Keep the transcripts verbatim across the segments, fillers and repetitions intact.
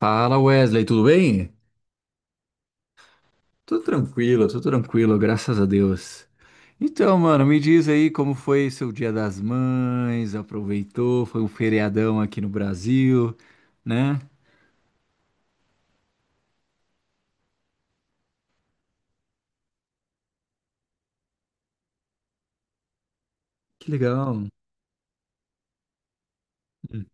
Fala Wesley, tudo bem? Tudo tranquilo, tudo tranquilo, graças a Deus. Então, mano, me diz aí como foi seu Dia das Mães, aproveitou, foi um feriadão aqui no Brasil, né? Que legal. Hum.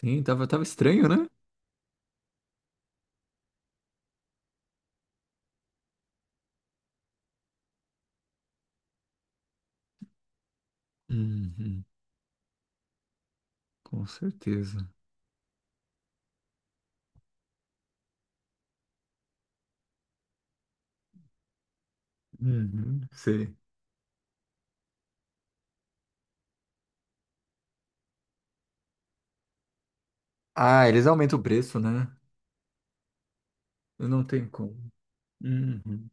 Sim, tava, tava estranho, né? Uhum, com certeza. Uhum, sei. Ah, eles aumentam o preço, né? Eu não tenho como. Uhum.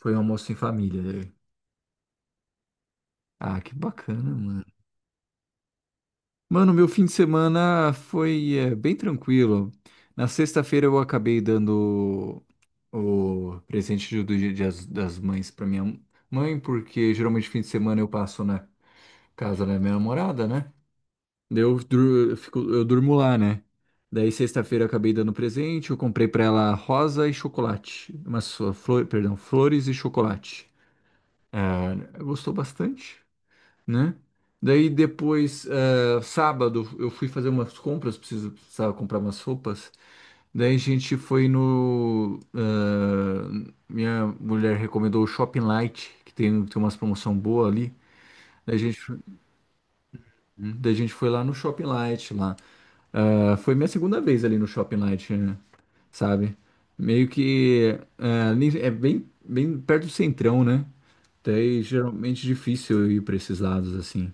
Foi um almoço em família, né? Ah, que bacana. Mano, meu fim de semana foi é, bem tranquilo. Na sexta-feira eu acabei dando o presente do Dia das das Mães para minha mãe, porque geralmente fim de semana eu passo na casa da minha namorada, né? Daí Eu, dur- eu fico, eu durmo lá, né? Daí sexta-feira eu acabei dando presente, eu comprei para ela rosa e chocolate, umas flor, perdão, flores e chocolate. Ela gostou bastante, né? Daí depois, eh, sábado, eu fui fazer umas compras, preciso, precisava comprar umas roupas. Daí a gente foi no. eh, minha mulher recomendou o Shopping Light, que tem, tem umas promoção boa ali. Daí a gente, foi- daí a gente foi lá no Shopping Light lá. Ah, foi minha segunda vez ali no Shopping Light, né? Sabe? Meio que, eh, ali é bem, bem perto do centrão, né? Daí geralmente difícil eu ir pra esses lados assim.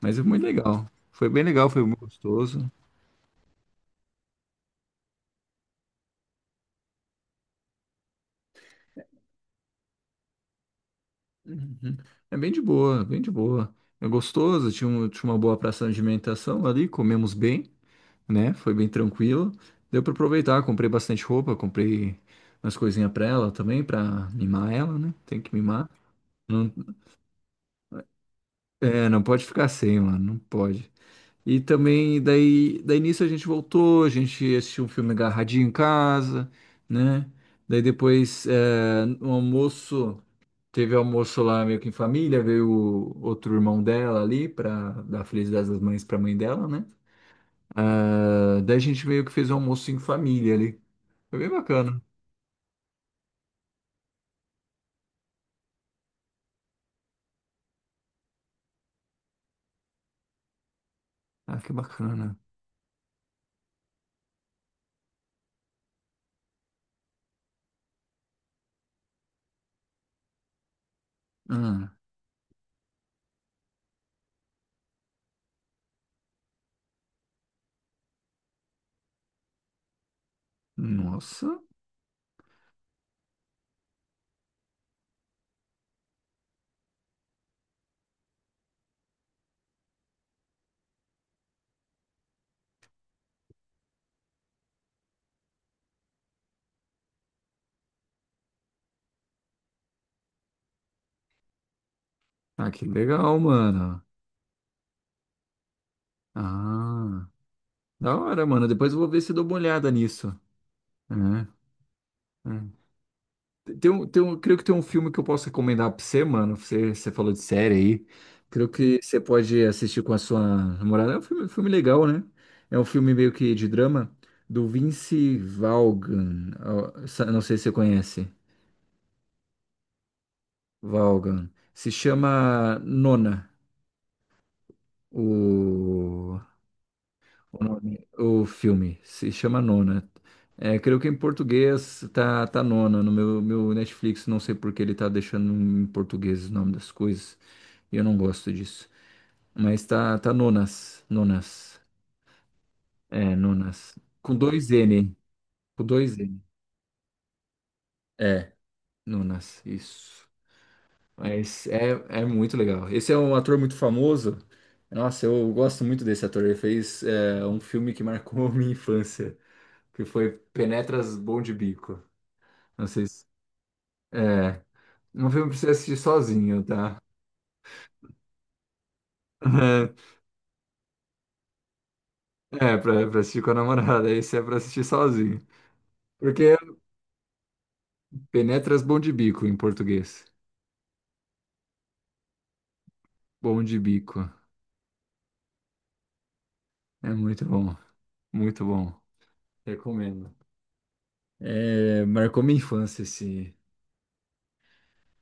Mas é muito legal. Foi bem legal, foi muito gostoso. Uhum. É bem de boa, bem de boa. É gostoso, tinha, um- tinha uma boa praça de alimentação ali, comemos bem, né? Foi bem tranquilo. Deu pra aproveitar, comprei bastante roupa, comprei umas coisinhas pra ela também, pra mimar ela, né? Tem que mimar. Não, é, não pode ficar sem, mano, não pode. E também, daí, daí nisso a gente voltou, a gente assistiu um filme agarradinho em casa, né? Daí depois, é, no almoço, teve almoço lá meio que em família, veio o outro irmão dela ali pra dar Feliz Dia das Mães pra mãe dela, né? Ah, daí a gente meio que fez um almoço em família ali. Foi bem bacana. Ah, que bacana. Ah, nossa. Ah, que legal, mano. Ah, da hora, mano. Depois eu vou ver se dou uma olhada nisso, né? É. Tem um, tem um, creio que tem um filme que eu posso recomendar pra você, mano. Você, você falou de série aí. Creio que você pode assistir com a sua namorada. É um filme, filme legal, né? É um filme meio que de drama do Vince Vaughan. Ó, sa- não sei se você conhece. Vaughan. Se chama Nona. O... O nome- o filme se chama Nona. É, creio que em português tá, tá Nona no meu, meu Netflix. Não sei por que ele tá deixando em português o nome das coisas. E eu não gosto disso. Mas tá, tá Nonas. Nonas. É, Nonas. Com dois N. Com dois N. É, Nonas. Isso. Mas é, é muito legal. Esse é um ator muito famoso. Nossa, eu gosto muito desse ator. Ele fez, é, um filme que marcou minha infância, que foi Penetras Bom de Bico. Não sei se... É, um filme pra você assistir sozinho, tá? É, pra, pra assistir com a namorada, esse é pra assistir sozinho. Porque Penetras Bom de Bico em português. Bom de Bico. É muito bom, muito bom. Recomendo. É, marcou minha infância esse.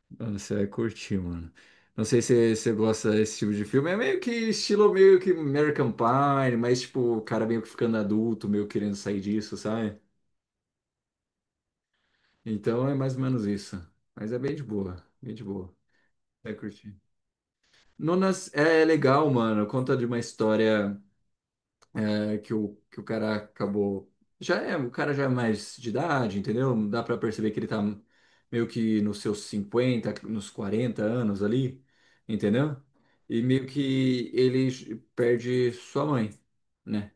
Mano, você vai curtir, mano. Não sei se você gosta desse tipo de filme. É meio que estilo meio que American Pie, mas tipo, o cara meio que ficando adulto, meio querendo sair disso, sabe? Então é mais ou menos isso. Mas é bem de boa, bem de boa. É curtir. Nonas é é legal, mano. Conta de uma história é, que o, que o cara acabou. Já é, o cara já é mais de idade, entendeu? Dá pra perceber que ele tá meio que nos seus cinquenta nos quarenta anos ali, entendeu? E meio que ele perde sua mãe, né?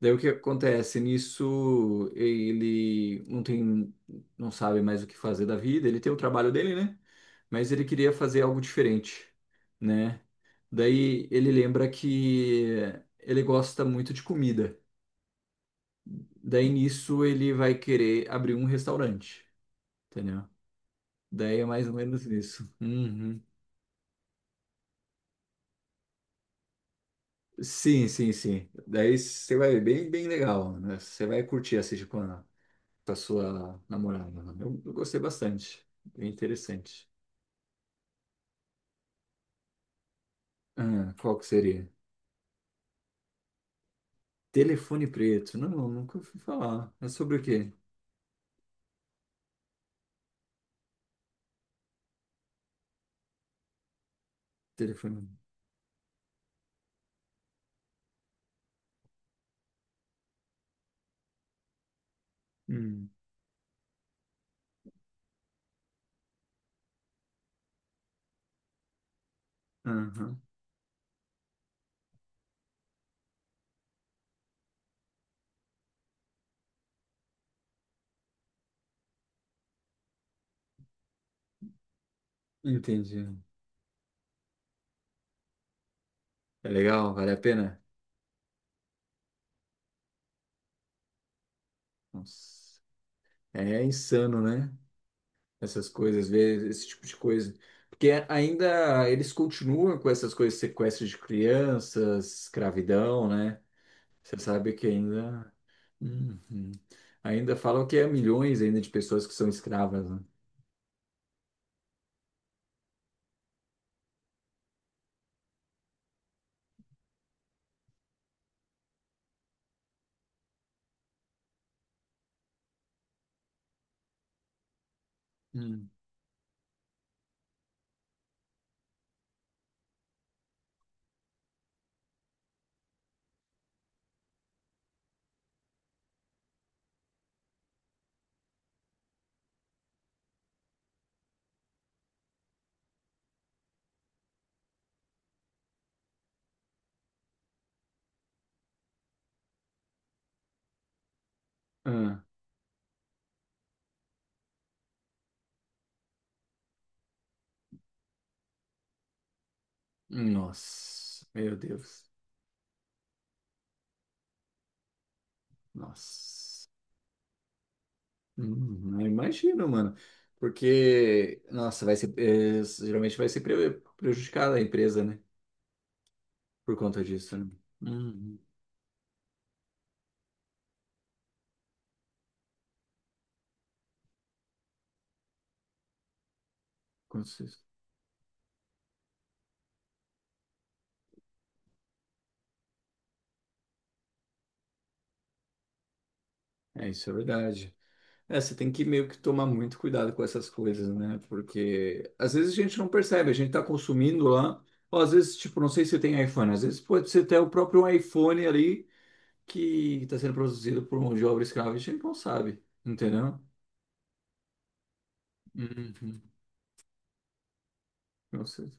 Daí o que acontece? Nisso ele não tem, não sabe mais o que fazer da vida. Ele tem o trabalho dele, né? Mas ele queria fazer algo diferente, né? Daí ele lembra que ele gosta muito de comida. Daí nisso ele vai querer abrir um restaurante, entendeu? Daí é mais ou menos isso. Uhum. Sim, sim, sim. Daí você vai ver bem, bem legal, né? Você vai curtir assistir com com sua namorada, né? Eu, eu gostei bastante. Bem interessante. Ah, qual que seria? Telefone preto. Não, nunca fui falar. É sobre o quê? Telefone. Hum. Aham. Entendi. É legal? Vale a pena? Nossa. É insano, né? Essas coisas, ver esse tipo de coisa. Porque ainda eles continuam com essas coisas, sequestro de crianças, escravidão, né? Você sabe que ainda. Uhum. Ainda falam que é milhões ainda de pessoas que são escravas, né? Hum. Ah, nossa, meu Deus. Nossa. Hum, eu imagino, mano. Porque, nossa, vai ser, é, geralmente vai ser pre- prejudicada a empresa, né? Por conta disso, né? Uhum. Com certeza. É, isso é verdade. É, você tem que meio que tomar muito cuidado com essas coisas, né? Porque às vezes a gente não percebe, a gente tá consumindo lá, ou às vezes, tipo, não sei se tem iPhone, às vezes pode ser até o próprio iPhone ali que tá sendo produzido por mão de obra escrava, a gente não sabe, entendeu? Uhum. Com certeza.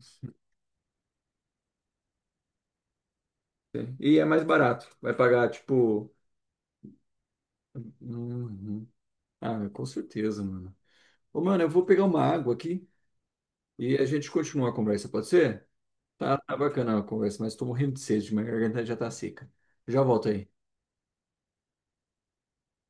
Sim. E é mais barato, vai pagar, tipo. Uhum. Ah, com certeza, mano. Ô, mano, eu vou pegar uma água aqui e a gente continua a conversa, pode ser? Tá, tá bacana a conversa, mas tô morrendo de sede, minha garganta já tá seca. Já volto aí.